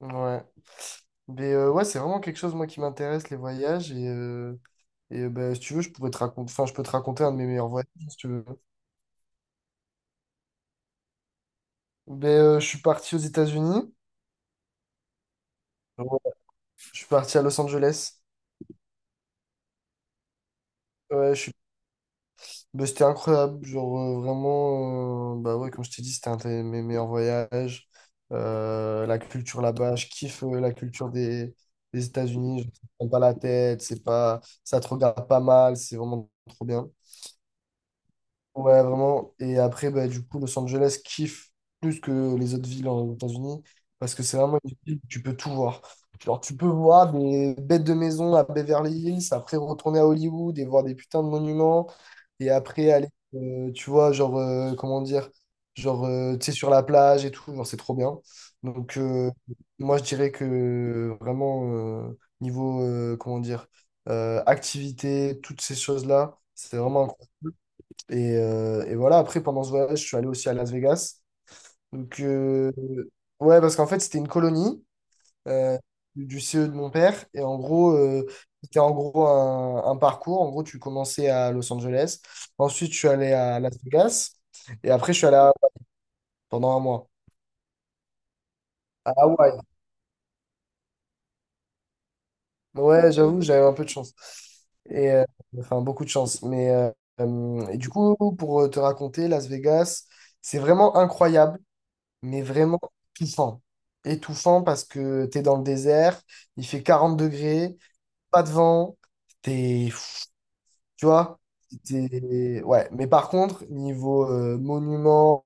Ouais. Mais ouais, c'est vraiment quelque chose, moi, qui m'intéresse, les voyages. Et bah, si tu veux, je pourrais te raconter, enfin, je peux te raconter un de mes meilleurs voyages, si tu veux. Mais je suis parti aux États-Unis. Ouais. Je suis parti à Los Angeles. Ouais, je suis... Bah, c'était incroyable. Genre, vraiment, bah ouais, comme je t'ai dit, c'était un de mes meilleurs voyages. La culture là-bas, je kiffe la culture des États-Unis. Je ne prends pas la tête, c'est pas, ça te regarde pas mal, c'est vraiment trop bien. Ouais, vraiment. Et après, bah, du coup, Los Angeles kiffe plus que les autres villes aux États-Unis parce que c'est vraiment une ville où tu peux tout voir. Genre, tu peux voir des bêtes de maison à Beverly Hills, après retourner à Hollywood et voir des putains de monuments, et après aller, tu vois, genre, comment dire, genre, tu sais, sur la plage et tout, genre, c'est trop bien. Donc, moi, je dirais que vraiment, niveau, comment dire, activité, toutes ces choses-là, c'est vraiment incroyable. Et voilà, après, pendant ce voyage, je suis allé aussi à Las Vegas. Donc, ouais, parce qu'en fait, c'était une colonie euh, du CE de mon père. Et en gros, c'était en gros un parcours. En gros, tu commençais à Los Angeles. Ensuite, je suis allé à Las Vegas. Et après, je suis allé à- pendant un mois. À Hawaï. Ouais, j'avoue, j'avais un peu de chance. Et, euh, enfin, beaucoup de chance. Et du coup, pour te raconter, Las Vegas, c'est vraiment incroyable. Mais vraiment étouffant. Étouffant parce que t'es dans le désert, il fait 40 degrés, pas de vent, t'es... tu vois? Ouais, mais par contre, niveau monument,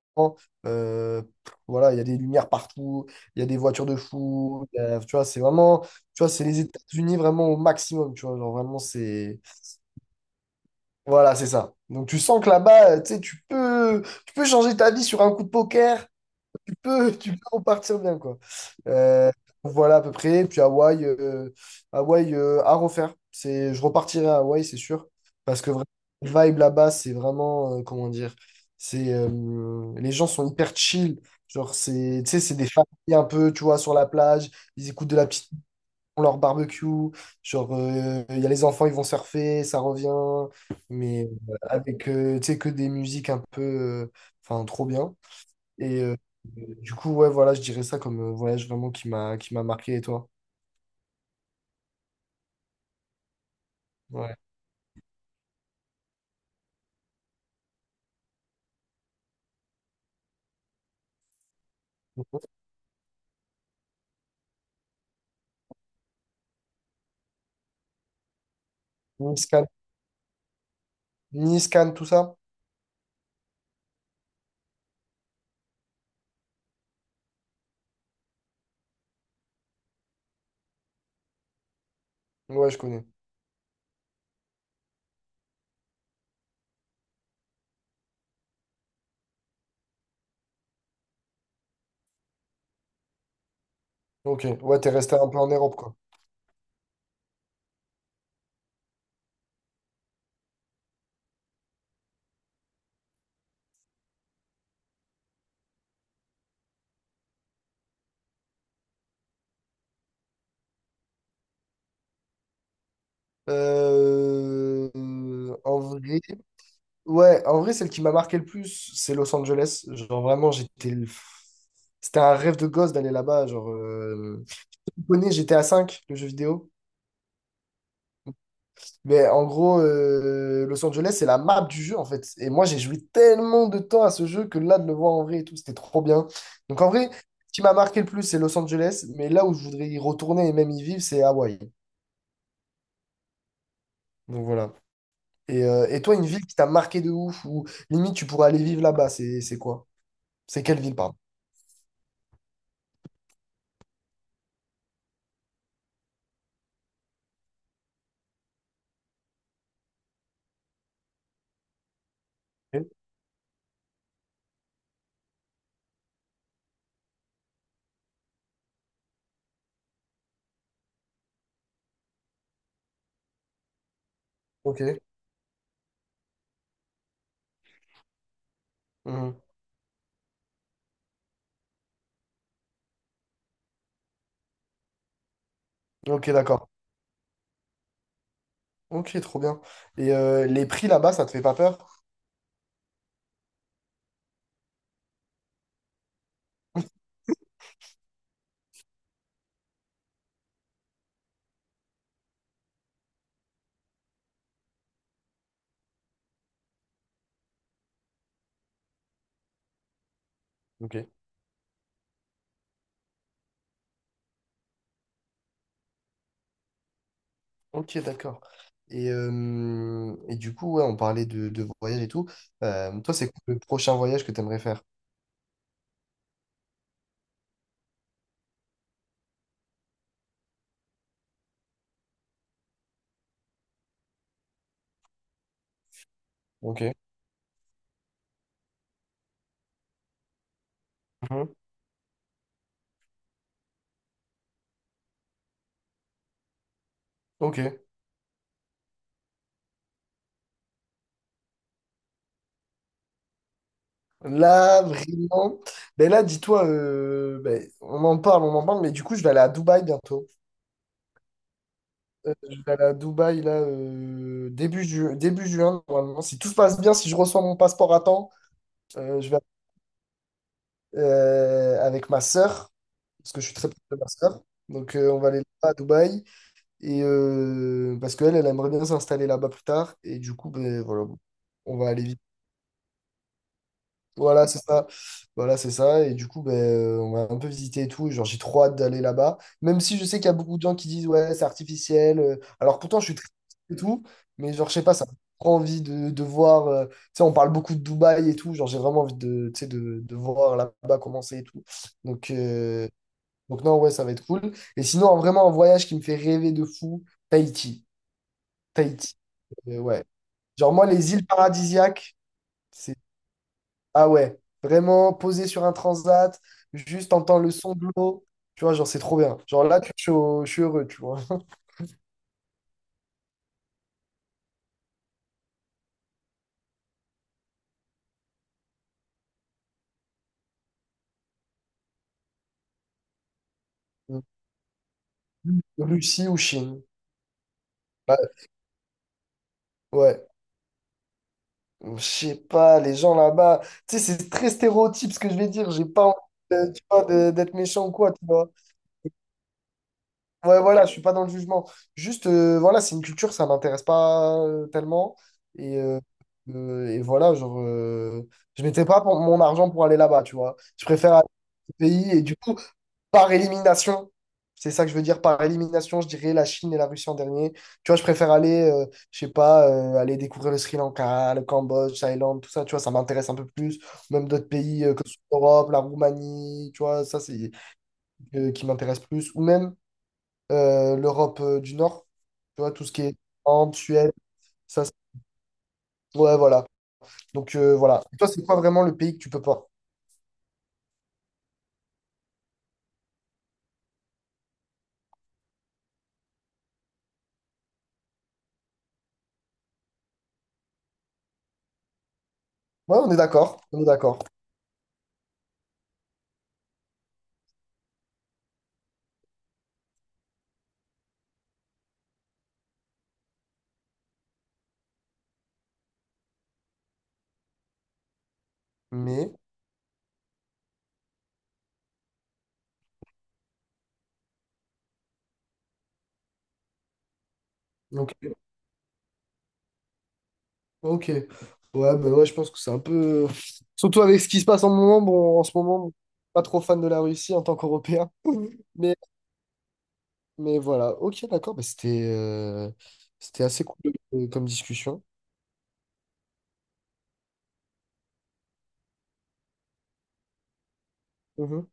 voilà, il y a des lumières partout, il y a des voitures de fou, tu vois, c'est vraiment. Tu vois, c'est les États-Unis vraiment au maximum, tu vois, genre vraiment, c'est. Voilà, c'est ça. Donc tu sens que là-bas, tu sais, tu peux changer ta vie sur un coup de poker, tu peux repartir bien, quoi. Euh, voilà à peu près. Puis Hawaï, à refaire. Je repartirai à Hawaï, c'est sûr. Parce que vraiment, le vibe là-bas, c'est vraiment, comment dire, c'est, les gens sont hyper chill. Genre, c'est, tu sais, c'est des familles un peu, tu vois, sur la plage. Ils écoutent de la petite, ils font leur barbecue. Genre, il y a les enfants, ils vont surfer, ça revient. Mais avec, tu sais, que des musiques un peu, enfin, trop bien. Et du coup, ouais, voilà, je dirais ça comme voyage vraiment qui m'a marqué. Et toi? Ouais. Nice, Cannes, Nice, Cannes, tout ça? Ouais, je connais. Ok, ouais, t'es resté un peu en Europe, quoi. Euh, En vrai, ouais, en vrai, celle qui m'a marqué le plus, c'est Los Angeles. Genre, vraiment, c'était un rêve de gosse d'aller là-bas. Genre, je connais, j'étais à 5 le jeu vidéo. Mais en gros, Los Angeles, c'est la map du jeu, en fait. Et moi, j'ai joué tellement de temps à ce jeu que là, de le voir en vrai et tout, c'était trop bien. Donc, en vrai, ce qui m'a marqué le plus, c'est Los Angeles. Mais là où je voudrais y retourner et même y vivre, c'est Hawaï. Donc, voilà. Et toi, une ville qui t'a marqué de ouf, ou limite, tu pourrais aller vivre là-bas, c'est quoi? C'est quelle ville, pardon? Ok. Ok. Mhm. Ok, d'accord. Ok, trop bien. Et les prix là-bas, ça te fait pas peur? Ok. Ok, d'accord. Et du coup, ouais, on parlait de voyage et tout. Toi, c'est quoi le prochain voyage que tu aimerais faire? Ok. Mhm. Ok. Là, vraiment. Ben là, dis-toi, ben, on en parle, mais du coup, je vais aller à Dubaï bientôt. Je vais aller à Dubaï, là, début juin, normalement. Si tout se passe bien, si je reçois mon passeport à temps, je vais avec ma sœur, parce que je suis très proche de ma sœur. Donc, on va aller là à Dubaï. Et parce qu'elle, elle aimerait bien s'installer là-bas plus tard. Et du coup, ben, voilà, on va aller vite. Voilà, c'est ça. Voilà, c'est ça. Et du coup, ben, on va un peu visiter et tout. Et genre, j'ai trop hâte d'aller là-bas. Même si je sais qu'il y a beaucoup de gens qui disent, ouais, c'est artificiel. Alors pourtant, je suis très et tout. Mais genre, je sais pas, ça me prend envie de voir. Tu sais, on parle beaucoup de Dubaï et tout. Genre, j'ai vraiment envie de, tu sais, de voir là-bas commencer et tout. Donc, euh, donc non, ouais, ça va être cool. Et sinon, vraiment, un voyage qui me fait rêver de fou, Tahiti. Tahiti. Mais ouais. Genre, moi, les îles paradisiaques, c'est. Ah ouais, vraiment posé sur un transat, juste entendre le son de l'eau. Tu vois, genre, c'est trop bien. Genre, là, je suis heureux, tu vois. Russie ou Chine. Ouais. Ouais. Je sais pas, les gens là-bas. Tu sais, c'est très stéréotype ce que je vais dire. J'ai pas envie tu vois, d'être méchant ou quoi, tu vois. Ouais, voilà, je suis pas dans le jugement. Juste, voilà, c'est une culture, ça m'intéresse pas tellement. Et, euh, et voilà, genre, je mettais pas mon argent pour aller là-bas, tu vois. Je préfère aller au pays et du coup, par élimination, c'est ça que je veux dire, par élimination, je dirais la Chine et la Russie en dernier. Tu vois, je préfère aller, je sais pas, aller découvrir le Sri Lanka, le Cambodge, Thaïlande, tout ça, tu vois, ça m'intéresse un peu plus. Même d'autres pays que ce soit l'Europe, la Roumanie, tu vois, ça, c'est qui m'intéresse plus. Ou même l'Europe du Nord. Tu vois, tout ce qui est Finlande, Suède, ça, c'est- ouais, voilà. Donc, voilà. Et toi, c'est quoi vraiment le pays que tu peux pas? Ouais, on est d'accord, on est d'accord. Mais, donc, ok. Ouais, mais ouais, je pense que c'est un peu. Surtout avec ce qui se passe en ce moment, bon, en ce moment, pas trop fan de la Russie en tant qu'Européen. Mais, mais voilà, ok, d'accord, bah, c'était assez cool comme discussion. Mhm.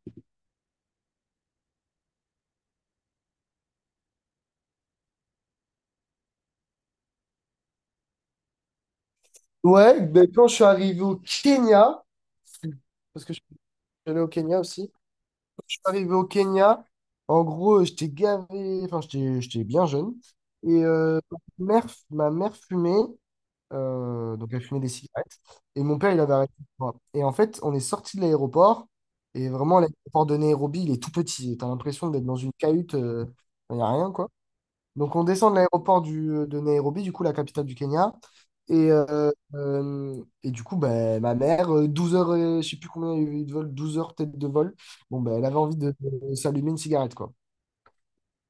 Ouais, ben, quand je suis arrivé au Kenya, parce que je suis allé au Kenya aussi, arrivé au Kenya, en gros, j'étais gavé, enfin, j'étais bien jeune. Et ma mère fumait, donc elle fumait des cigarettes. Et mon père, il avait arrêté. Voilà. Et en fait, on est sorti de l'aéroport. Et vraiment, l'aéroport de Nairobi, il est tout petit. T'as l'impression d'être dans une cahute, il n'y a rien, quoi. Donc on descend de l'aéroport de Nairobi, du coup la capitale du Kenya. Et du coup, ben, ma mère, 12 heures, je sais plus combien il y a eu de vol, 12 heures peut-être de vol, bon, ben, elle avait envie de s'allumer une cigarette, quoi.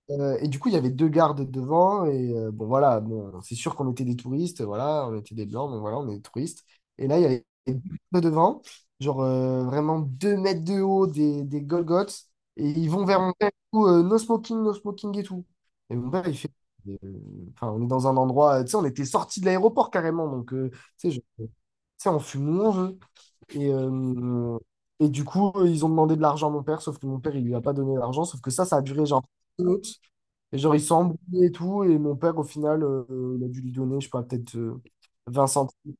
Et du coup, il y avait deux gardes devant. Et bon, voilà, bon, c'est sûr qu'on était des touristes. Voilà, on était des blancs, mais voilà, on est des touristes. Et là, il y avait deux gardes devant, genre vraiment 2 mètres de haut, des Golgoths. Et ils vont vers mon père, et tout, no smoking, no smoking et tout. Et mon père, il fait. Euh, Enfin, on est dans un endroit, tu sais, on était sorti de l'aéroport carrément. Donc, tu sais, tu sais, on fume où on veut. Et, euh, et du coup, ils ont demandé de l'argent à mon père, sauf que mon père, il lui a pas donné l'argent. Sauf que ça a duré, genre, minutes. Et genre, ils sont embrouillés et tout. Et mon père, au final, il a dû lui donner, je sais pas, peut-être 20 centimes.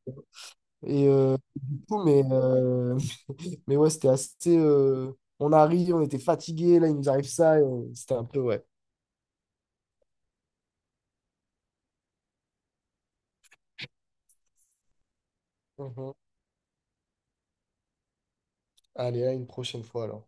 Et du coup, mais ouais, c'était assez. On arrive, on était fatigués. Là, il nous arrive ça. C'était un peu, ouais. Mhm. Allez, à une prochaine fois alors.